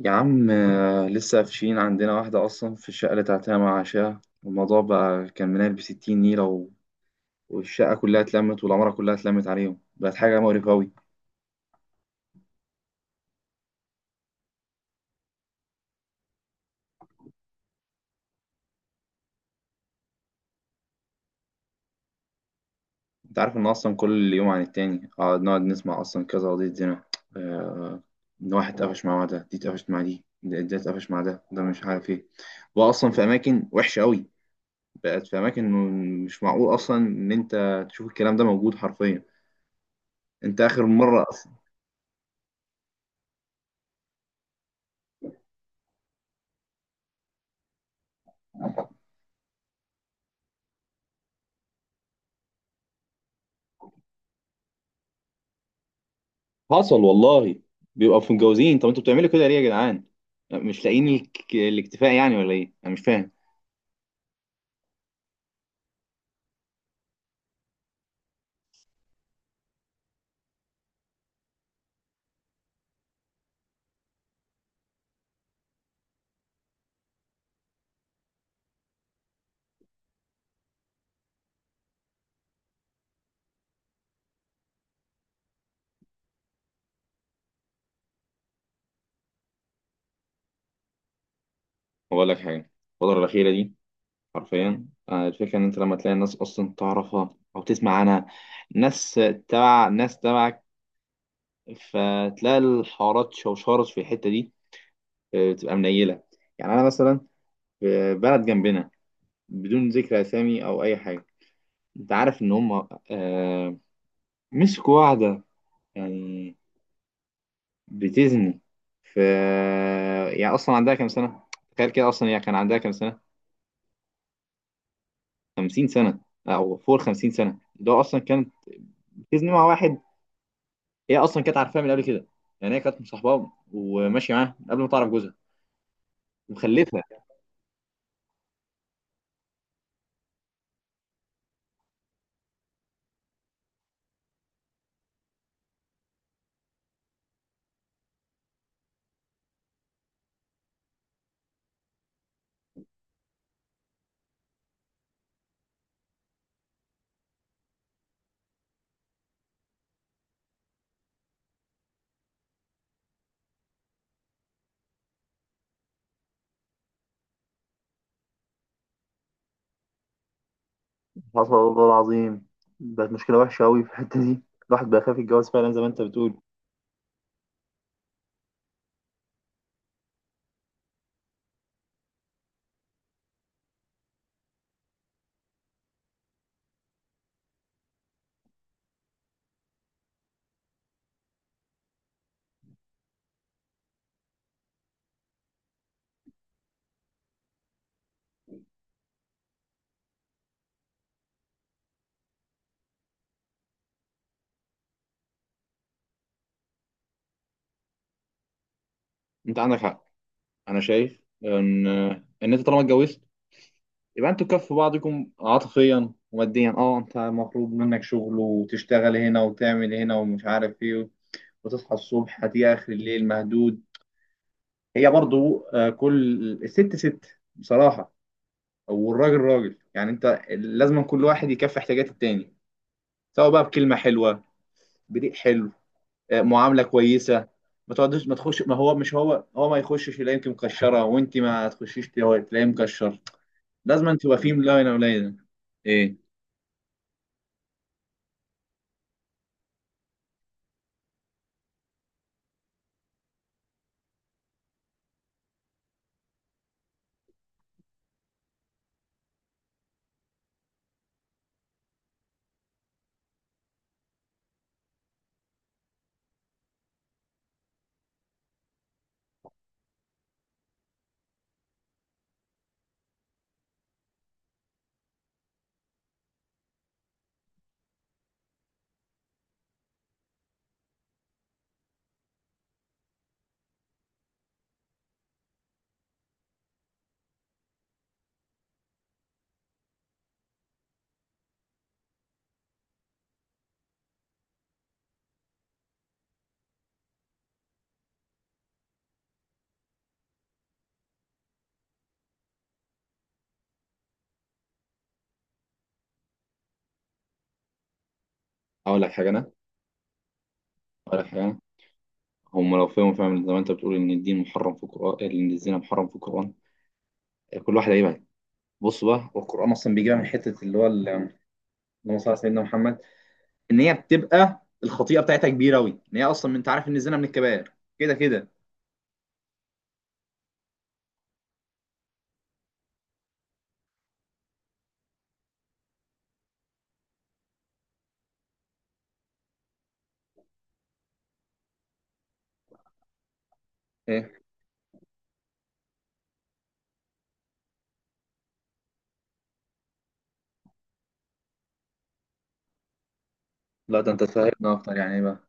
يا عم، لسه قافشين عندنا واحدة أصلا في الشقة اللي تعتها مع عشاها. الموضوع بقى كان منال بستين نيلة والشقة كلها اتلمت والعمارة كلها اتلمت عليهم، بقت حاجة مقرفة أوي. أنت عارف إن أصلا كل يوم عن التاني نقعد نسمع أصلا كذا قضية زنا، آه، إن واحد اتقفش مع ده، دي اتقفشت مع دي، ده اتقفش مع ده ده مش عارف إيه. بقى أصلا في أماكن وحشة أوي، بقت في أماكن. مش معقول أصلا إن أنت تشوف الكلام ده موجود حرفيا. أنت آخر مرة. حصل والله. بيبقوا في متجوزين، طب انتوا بتعملوا كده ليه يا جدعان؟ مش لاقيين الاكتفاء يعني، ولا ايه؟ انا مش فاهم. بقول لك حاجه، الفتره الاخيره دي حرفيا، الفكره ان انت لما تلاقي الناس اصلا تعرفها او تسمع عنها، ناس تبع ناس تبعك، فتلاقي الحوارات شوشرت في الحته دي، بتبقى منيله. يعني انا مثلا، في بلد جنبنا، بدون ذكر اسامي او اي حاجه، انت عارف ان هم مسكوا واحده، يعني بتزني في، يعني اصلا عندها كام سنه؟ تخيل كده، اصلا هي كان عندها كام سنه؟ 50 سنه، او فوق 50 سنه، اللي هو اصلا كانت بتزني مع واحد. هي اصلا كانت عارفاه من قبل كده، يعني هي كانت مصاحباه وماشيه معاه من قبل ما تعرف جوزها، ومخلفه. حصل والله العظيم، بقت مشكلة وحشة أوي في الحتة دي. الواحد بقى خايف يتجوز فعلا زي ما أنت بتقول. انت عندك حق، انا شايف ان انت طالما اتجوزت، يبقى انتوا كف بعضكم عاطفيا وماديا. اه انت مطلوب منك شغل، وتشتغل هنا وتعمل هنا ومش عارف ايه، وتصحى الصبح هتيجي اخر الليل مهدود. هي برضو، كل الست ست بصراحة، والراجل راجل، يعني انت لازم كل واحد يكفي احتياجات التاني، سواء بقى بكلمة حلوة، بريق حلو، معاملة كويسة. ما تقعدش، ما تخش، ما هو مش هو هو ما يخشش يلاقيك مكشرة، وانت ما تخشيش تلاقيه مكشر. لازم تبقى فيه لاينة ولاينة، ايه؟ اقول لك حاجة انا. أحيانا هم لو فهموا فعلا زي ما أنت بتقول إن الدين محرم في القرآن، إن الزنا محرم في القرآن، كل واحد هيبعد. بص بقى، والقرآن أصلا بيجيبها من حتة اللي هو اللهم صل على سيدنا محمد، إن هي بتبقى الخطيئة بتاعتها كبيرة أوي، إن هي أصلا، أنت عارف إن الزنا من الكبائر، كده كده. إيه؟ لا ده أنت تفهمنا أكتر، يعني إيه بقى؟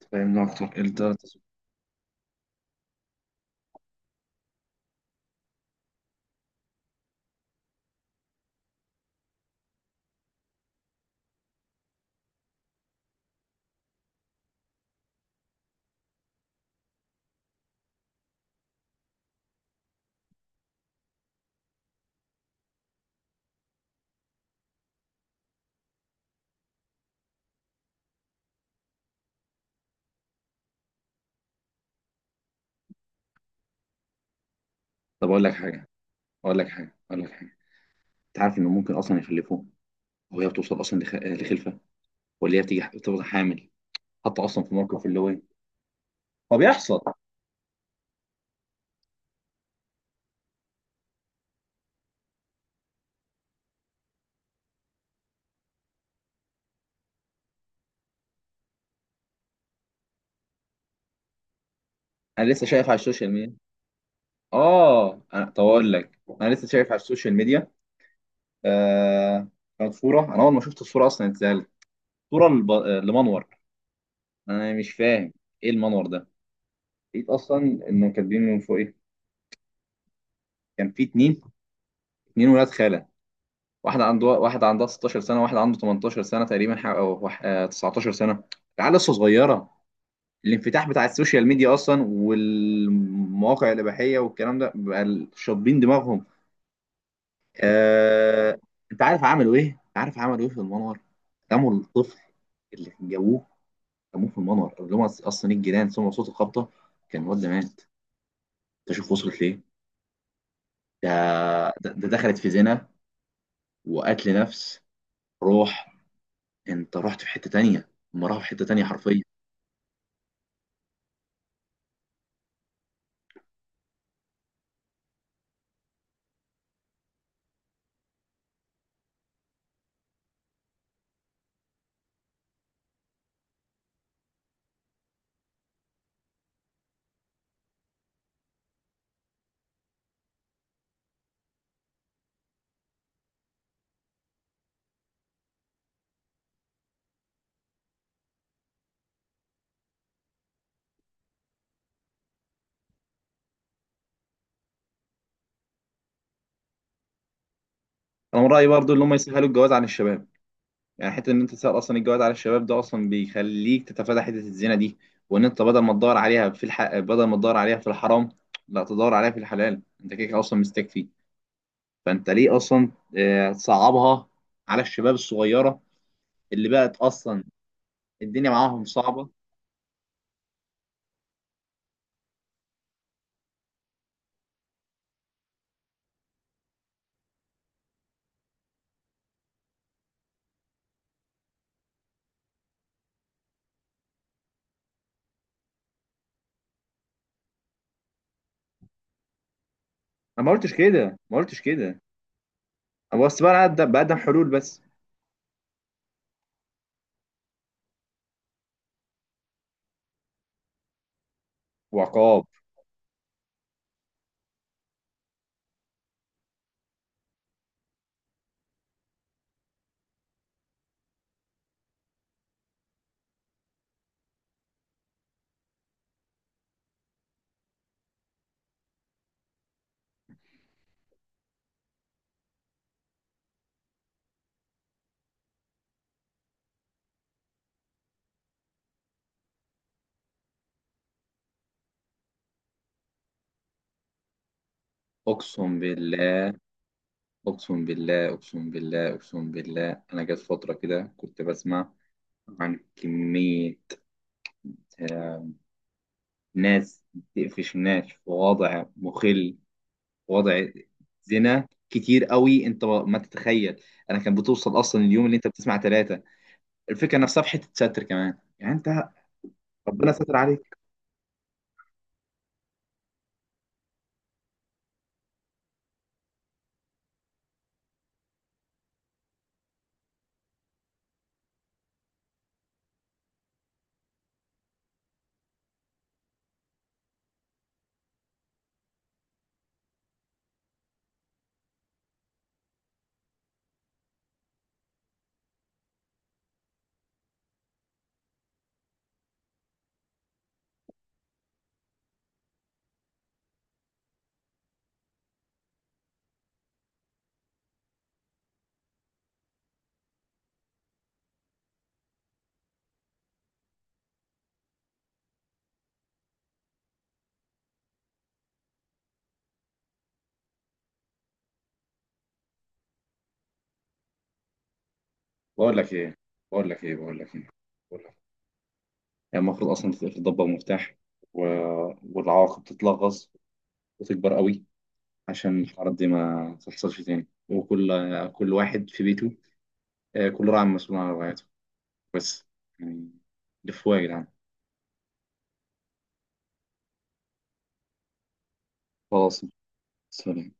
تفهمنا أكتر إيه ده؟ طب أقول لك حاجة، أنت عارف إنه ممكن أصلا يخلفوه، وهي بتوصل أصلا لخلفة، ولا هي بتيجي بتبقى حامل، حتى أصلا في موقف اللي هو إيه، هو بيحصل. أنا لسه شايف على السوشيال ميديا، اه انا طب اقول لك، انا لسه شايف على السوشيال ميديا. آه كانت صوره، انا اول ما شفت الصوره اصلا اتسالت، صوره لمنور. انا مش فاهم ايه المنور ده. لقيت اصلا انه كاتبين من فوق ايه، كان في اتنين ولاد خاله، واحده عندها 16 سنه، واحد عنده 18 سنه تقريبا، او 19 سنه. العيال لسه صغيره، الانفتاح بتاع السوشيال ميديا اصلا والمواقع الاباحيه والكلام ده بقى شاطبين دماغهم. آه، انت عارف عملوا ايه في المنور؟ قاموا الطفل اللي جابوه رموه في المنور، اللي هم اصلا الجيران سمعوا صوت الخبطه، كان الواد ده مات. انت شوف وصلت ليه؟ ده, ده دخلت في زنا وقتل نفس. روح، انت رحت في حته تانيه، هم راحوا في حته تانيه حرفيا. انا من رايي برضو ان هم يسهلوا الجواز عن الشباب، يعني حته ان انت تسال اصلا الجواز على الشباب ده اصلا بيخليك تتفادى حته الزنا دي، وان انت بدل ما تدور عليها في الحرام، لا تدور عليها في الحلال، انت كده كده اصلا مستكفي. فانت ليه اصلا تصعبها على الشباب الصغيره، اللي بقت اصلا الدنيا معاهم صعبه. انا ما قلتش كده، ما قلتش كده، انا بس بقى بقدم حلول بس، وعقاب. اقسم بالله، اقسم بالله، اقسم بالله، اقسم بالله، انا جت فتره كده كنت بسمع عن كميه ناس بتقفش ناس في وضع مخل، في وضع زنا كتير قوي، انت ما تتخيل. انا كان بتوصل اصلا اليوم اللي انت بتسمع ثلاثة. الفكرة نفسها في حتة ستر كمان، يعني انت، ربنا ستر عليك. بقول لك ايه بقول لك ايه بقول لك ايه بقول لك إيه. يعني المفروض اصلا تتضبط مفتاح، و... والعواقب تتلغص وتكبر قوي، عشان الحوارات دي ما تحصلش تاني، وكل واحد في بيته، كل راعي مسؤول عن رعايته، بس. يعني لفوا يا جدعان. خلاص، سلام.